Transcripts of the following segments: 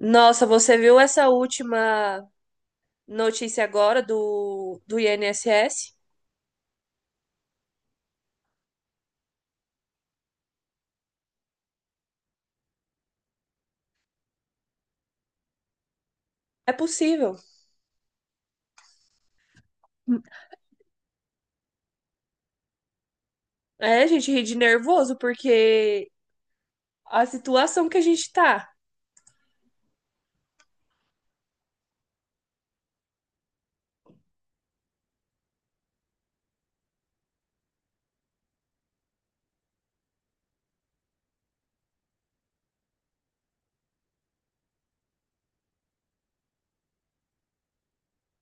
Nossa, você viu essa última notícia agora do INSS? É possível. É, a gente ri de nervoso porque a situação que a gente tá.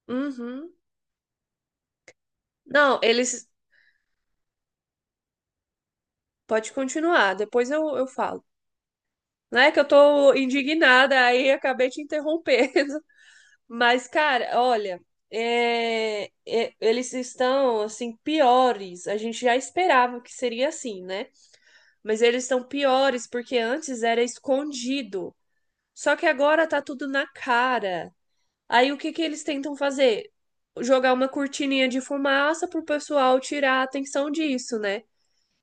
Uhum. Não, eles. Pode continuar, depois eu falo. Não é que eu tô indignada, aí acabei te interrompendo. Mas, cara, olha, eles estão, assim, piores. A gente já esperava que seria assim, né? Mas eles estão piores porque antes era escondido. Só que agora tá tudo na cara. Aí o que que eles tentam fazer? Jogar uma cortininha de fumaça pro pessoal tirar a atenção disso, né?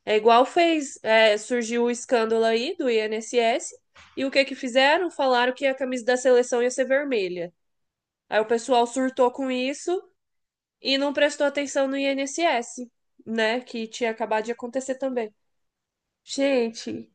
É igual fez, surgiu o escândalo aí do INSS, e o que que fizeram? Falaram que a camisa da seleção ia ser vermelha. Aí o pessoal surtou com isso e não prestou atenção no INSS, né? Que tinha acabado de acontecer também. Gente,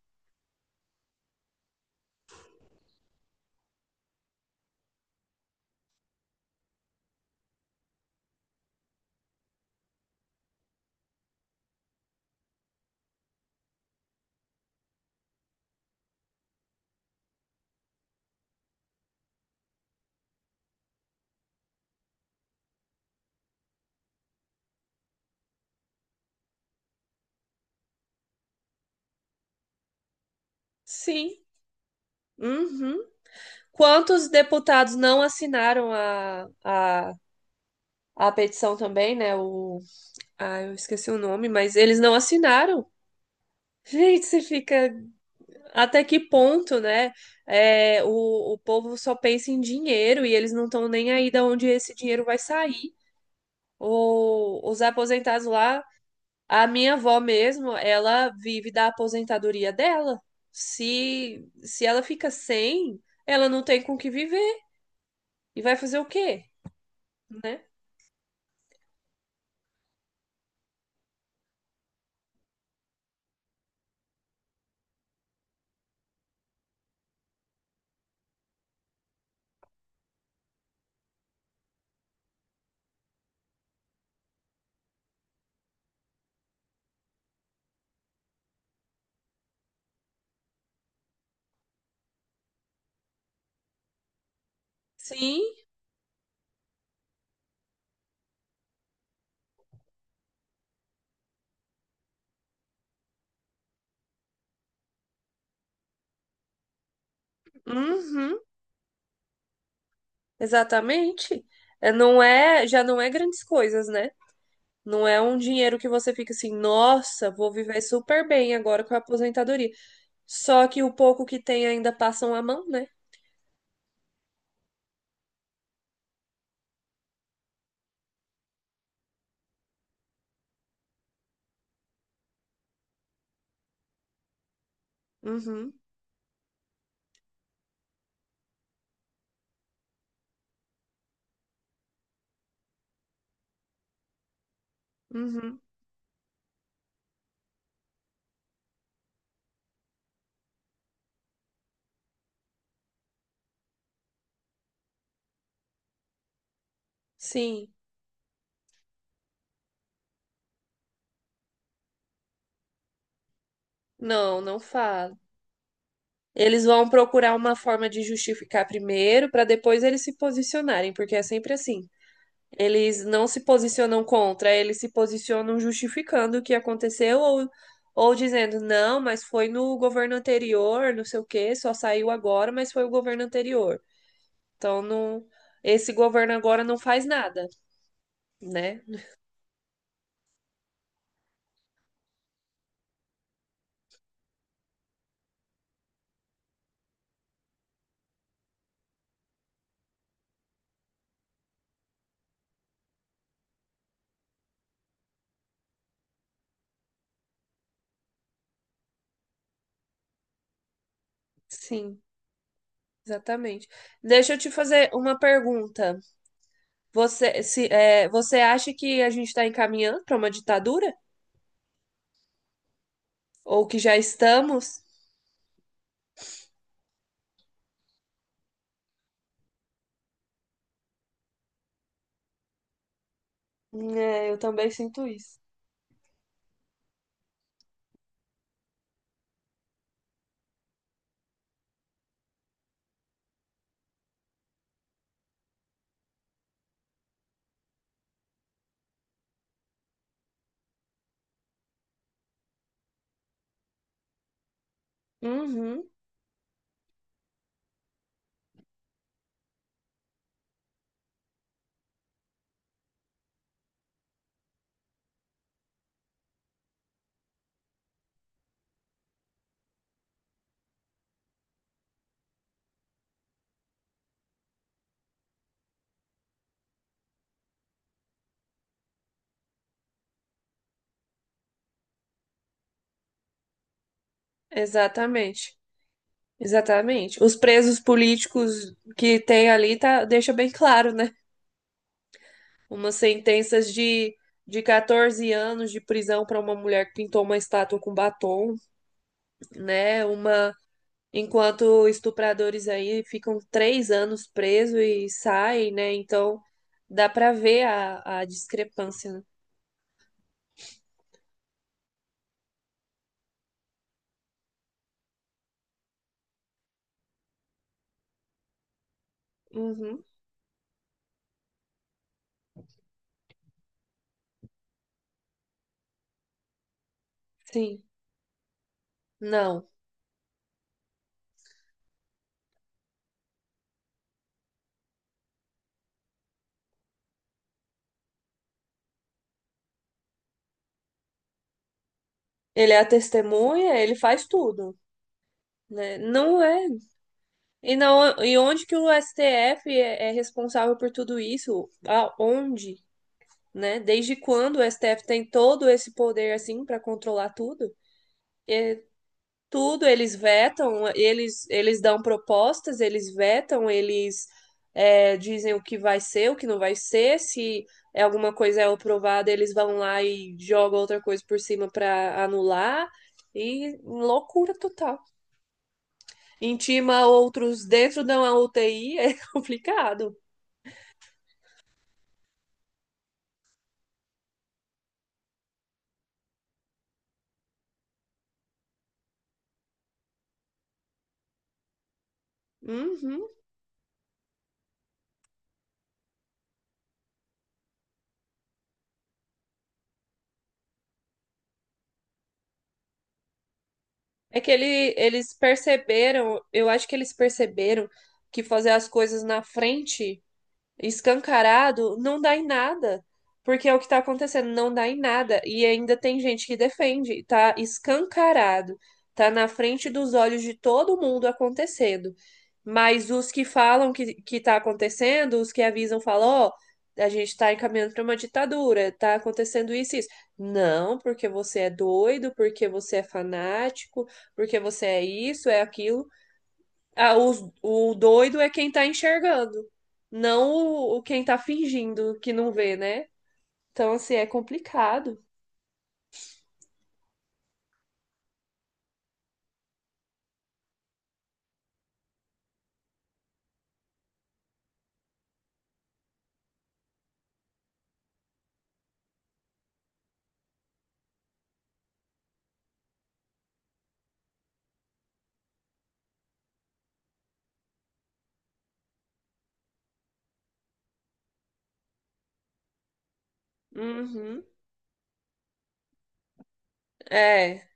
sim. Uhum. Quantos deputados não assinaram a petição também, né? Eu esqueci o nome, mas eles não assinaram. Gente, você fica até que ponto, né? O povo só pensa em dinheiro e eles não estão nem aí de onde esse dinheiro vai sair. Os aposentados lá, a minha avó mesmo, ela vive da aposentadoria dela. Se ela fica sem, ela não tem com o que viver. E vai fazer o quê, né? Sim, uhum, exatamente. É, não é, já não é grandes coisas, né? Não é um dinheiro que você fica assim, nossa, vou viver super bem agora com a aposentadoria. Só que o pouco que tem ainda passam a mão, né? Uhum, uhum. Sim. Não, não falo. Eles vão procurar uma forma de justificar primeiro, para depois eles se posicionarem, porque é sempre assim. Eles não se posicionam contra, eles se posicionam justificando o que aconteceu ou dizendo, não, mas foi no governo anterior, não sei o quê, só saiu agora, mas foi o governo anterior. Então, não, esse governo agora não faz nada, né? Sim, exatamente. Deixa eu te fazer uma pergunta. Você, se, é, você acha que a gente está encaminhando para uma ditadura? Ou que já estamos? É, eu também sinto isso. Uhum, exatamente. Exatamente. Os presos políticos que tem ali tá, deixa bem claro, né? Umas sentenças de 14 anos de prisão para uma mulher que pintou uma estátua com batom, né? Uma Enquanto estupradores aí ficam três anos presos e saem, né? Então dá pra ver a discrepância, né? Uhum, sim. Não. Ele é a testemunha, ele faz tudo, né? Não é. E, não, e onde que o STF é responsável por tudo isso? Aonde, né? Desde quando o STF tem todo esse poder assim pra controlar tudo? Tudo, eles vetam, eles dão propostas, eles vetam, eles dizem o que vai ser, o que não vai ser, se é alguma coisa é aprovada, eles vão lá e jogam outra coisa por cima para anular. E loucura total. Intima outros dentro da UTI é complicado. Uhum. É que eles perceberam, eu acho que eles perceberam que fazer as coisas na frente escancarado, não dá em nada. Porque é o que está acontecendo, não dá em nada. E ainda tem gente que defende, tá escancarado, tá na frente dos olhos de todo mundo acontecendo. Mas os que falam que tá acontecendo, os que avisam, falam, ó, a gente está encaminhando para uma ditadura, tá acontecendo isso e isso. Não, porque você é doido, porque você é fanático, porque você é isso, é aquilo. Ah, o doido é quem tá enxergando, não o quem tá fingindo que não vê, né? Então, assim, é complicado. Uhum. É.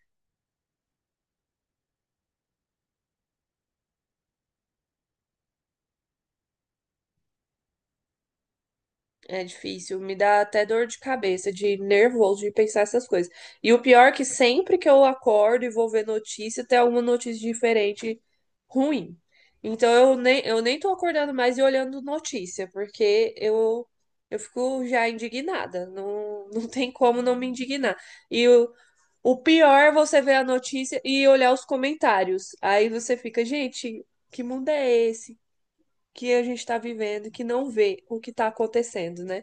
É difícil, me dá até dor de cabeça, de nervoso de pensar essas coisas. E o pior é que sempre que eu acordo e vou ver notícia, tem alguma notícia diferente ruim. Então eu nem tô acordando mais e olhando notícia, porque eu fico já indignada. Não, não tem como não me indignar. E o pior é você ver a notícia e olhar os comentários. Aí você fica, gente, que mundo é esse que a gente tá vivendo, que não vê o que tá acontecendo, né?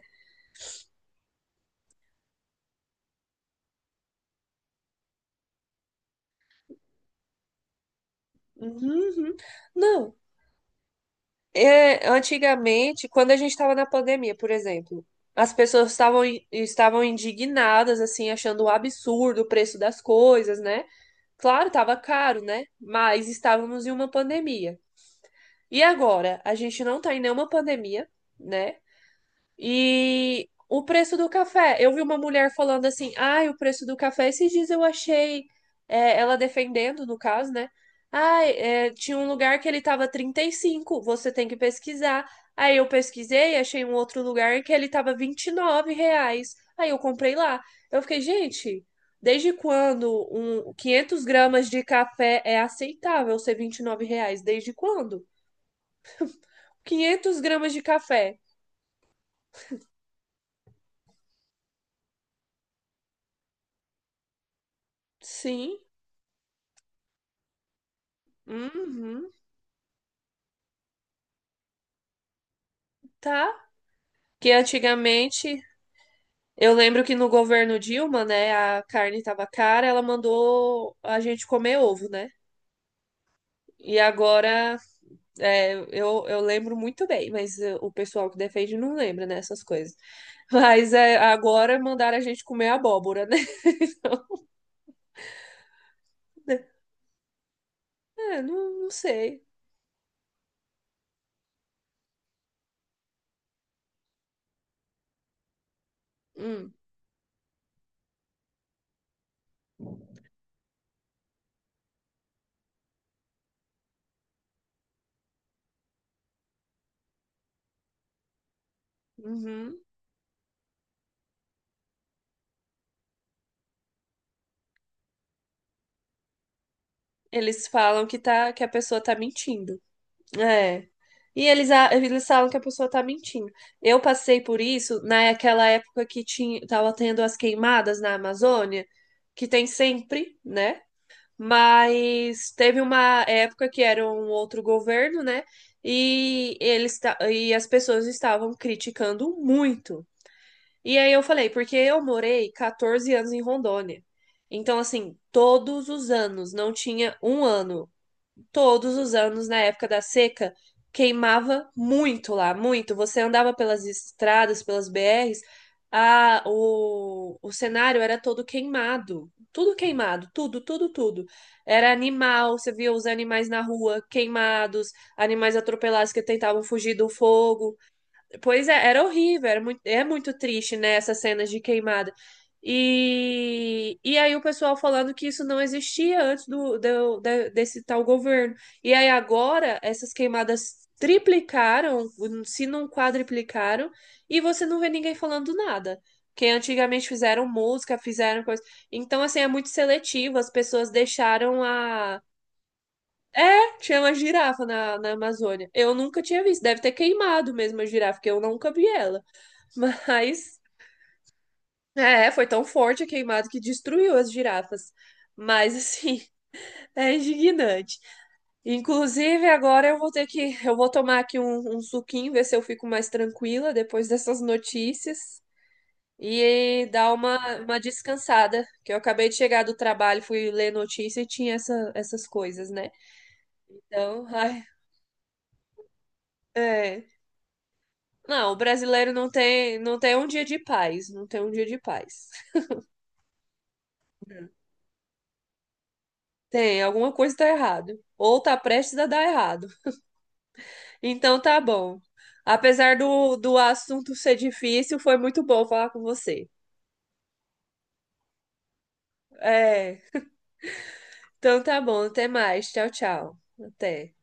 Uhum. Não, antigamente, quando a gente estava na pandemia, por exemplo, as pessoas estavam indignadas, assim, achando um absurdo o preço das coisas, né? Claro, estava caro, né? Mas estávamos em uma pandemia. E agora? A gente não está em nenhuma pandemia, né? E o preço do café. Eu vi uma mulher falando assim: ai, o preço do café. Esses dias eu achei ela defendendo, no caso, né? Ai, tinha um lugar que ele tava 35, você tem que pesquisar. Aí eu pesquisei, achei um outro lugar que ele tava R$ 29. Aí eu comprei lá. Eu fiquei, gente, desde quando um 500 gramas de café é aceitável ser R$ 29? Desde quando? 500 gramas de café. Sim. Uhum. Tá. Que antigamente, eu lembro que no governo Dilma, né, a carne tava cara, ela mandou a gente comer ovo, né? E agora, eu lembro muito bem, mas o pessoal que defende não lembra, né, essas coisas. Mas agora mandaram a gente comer abóbora, né? É, não, não sei. Hum, uhum. Eles falam que, tá, que a pessoa tá mentindo. É. E eles falam que a pessoa tá mentindo. Eu passei por isso naquela época que tava tendo as queimadas na Amazônia, que tem sempre, né? Mas teve uma época que era um outro governo, né? E as pessoas estavam criticando muito. E aí eu falei, porque eu morei 14 anos em Rondônia. Então, assim, todos os anos, não tinha um ano todos os anos, na época da seca, queimava muito lá, muito. Você andava pelas estradas, pelas BRs, o cenário era todo queimado. Tudo queimado, tudo, tudo, tudo. Era animal, você via os animais na rua queimados, animais atropelados que tentavam fugir do fogo. Pois é, era horrível, é muito triste, né, essas cenas de queimada. E aí o pessoal falando que isso não existia antes desse tal governo. E aí agora essas queimadas triplicaram, se não quadriplicaram, e você não vê ninguém falando nada. Que antigamente fizeram música, fizeram coisa. Então, assim, é muito seletivo. As pessoas deixaram a. Tinha uma girafa na Amazônia. Eu nunca tinha visto. Deve ter queimado mesmo a girafa, porque eu nunca vi ela. Mas, foi tão forte a queimada que destruiu as girafas. Mas, assim, é indignante. Inclusive, agora eu vou tomar aqui um suquinho, ver se eu fico mais tranquila depois dessas notícias. E dar uma descansada, que eu acabei de chegar do trabalho, fui ler notícia e tinha essas coisas, né? Então, ai, é. Não, o brasileiro não tem, não tem um dia de paz, não tem um dia de paz. Tem, alguma coisa tá errado. Ou tá prestes a dar errado. Então tá bom. Apesar do assunto ser difícil, foi muito bom falar com você. É, então tá bom, até mais. Tchau, tchau. Até.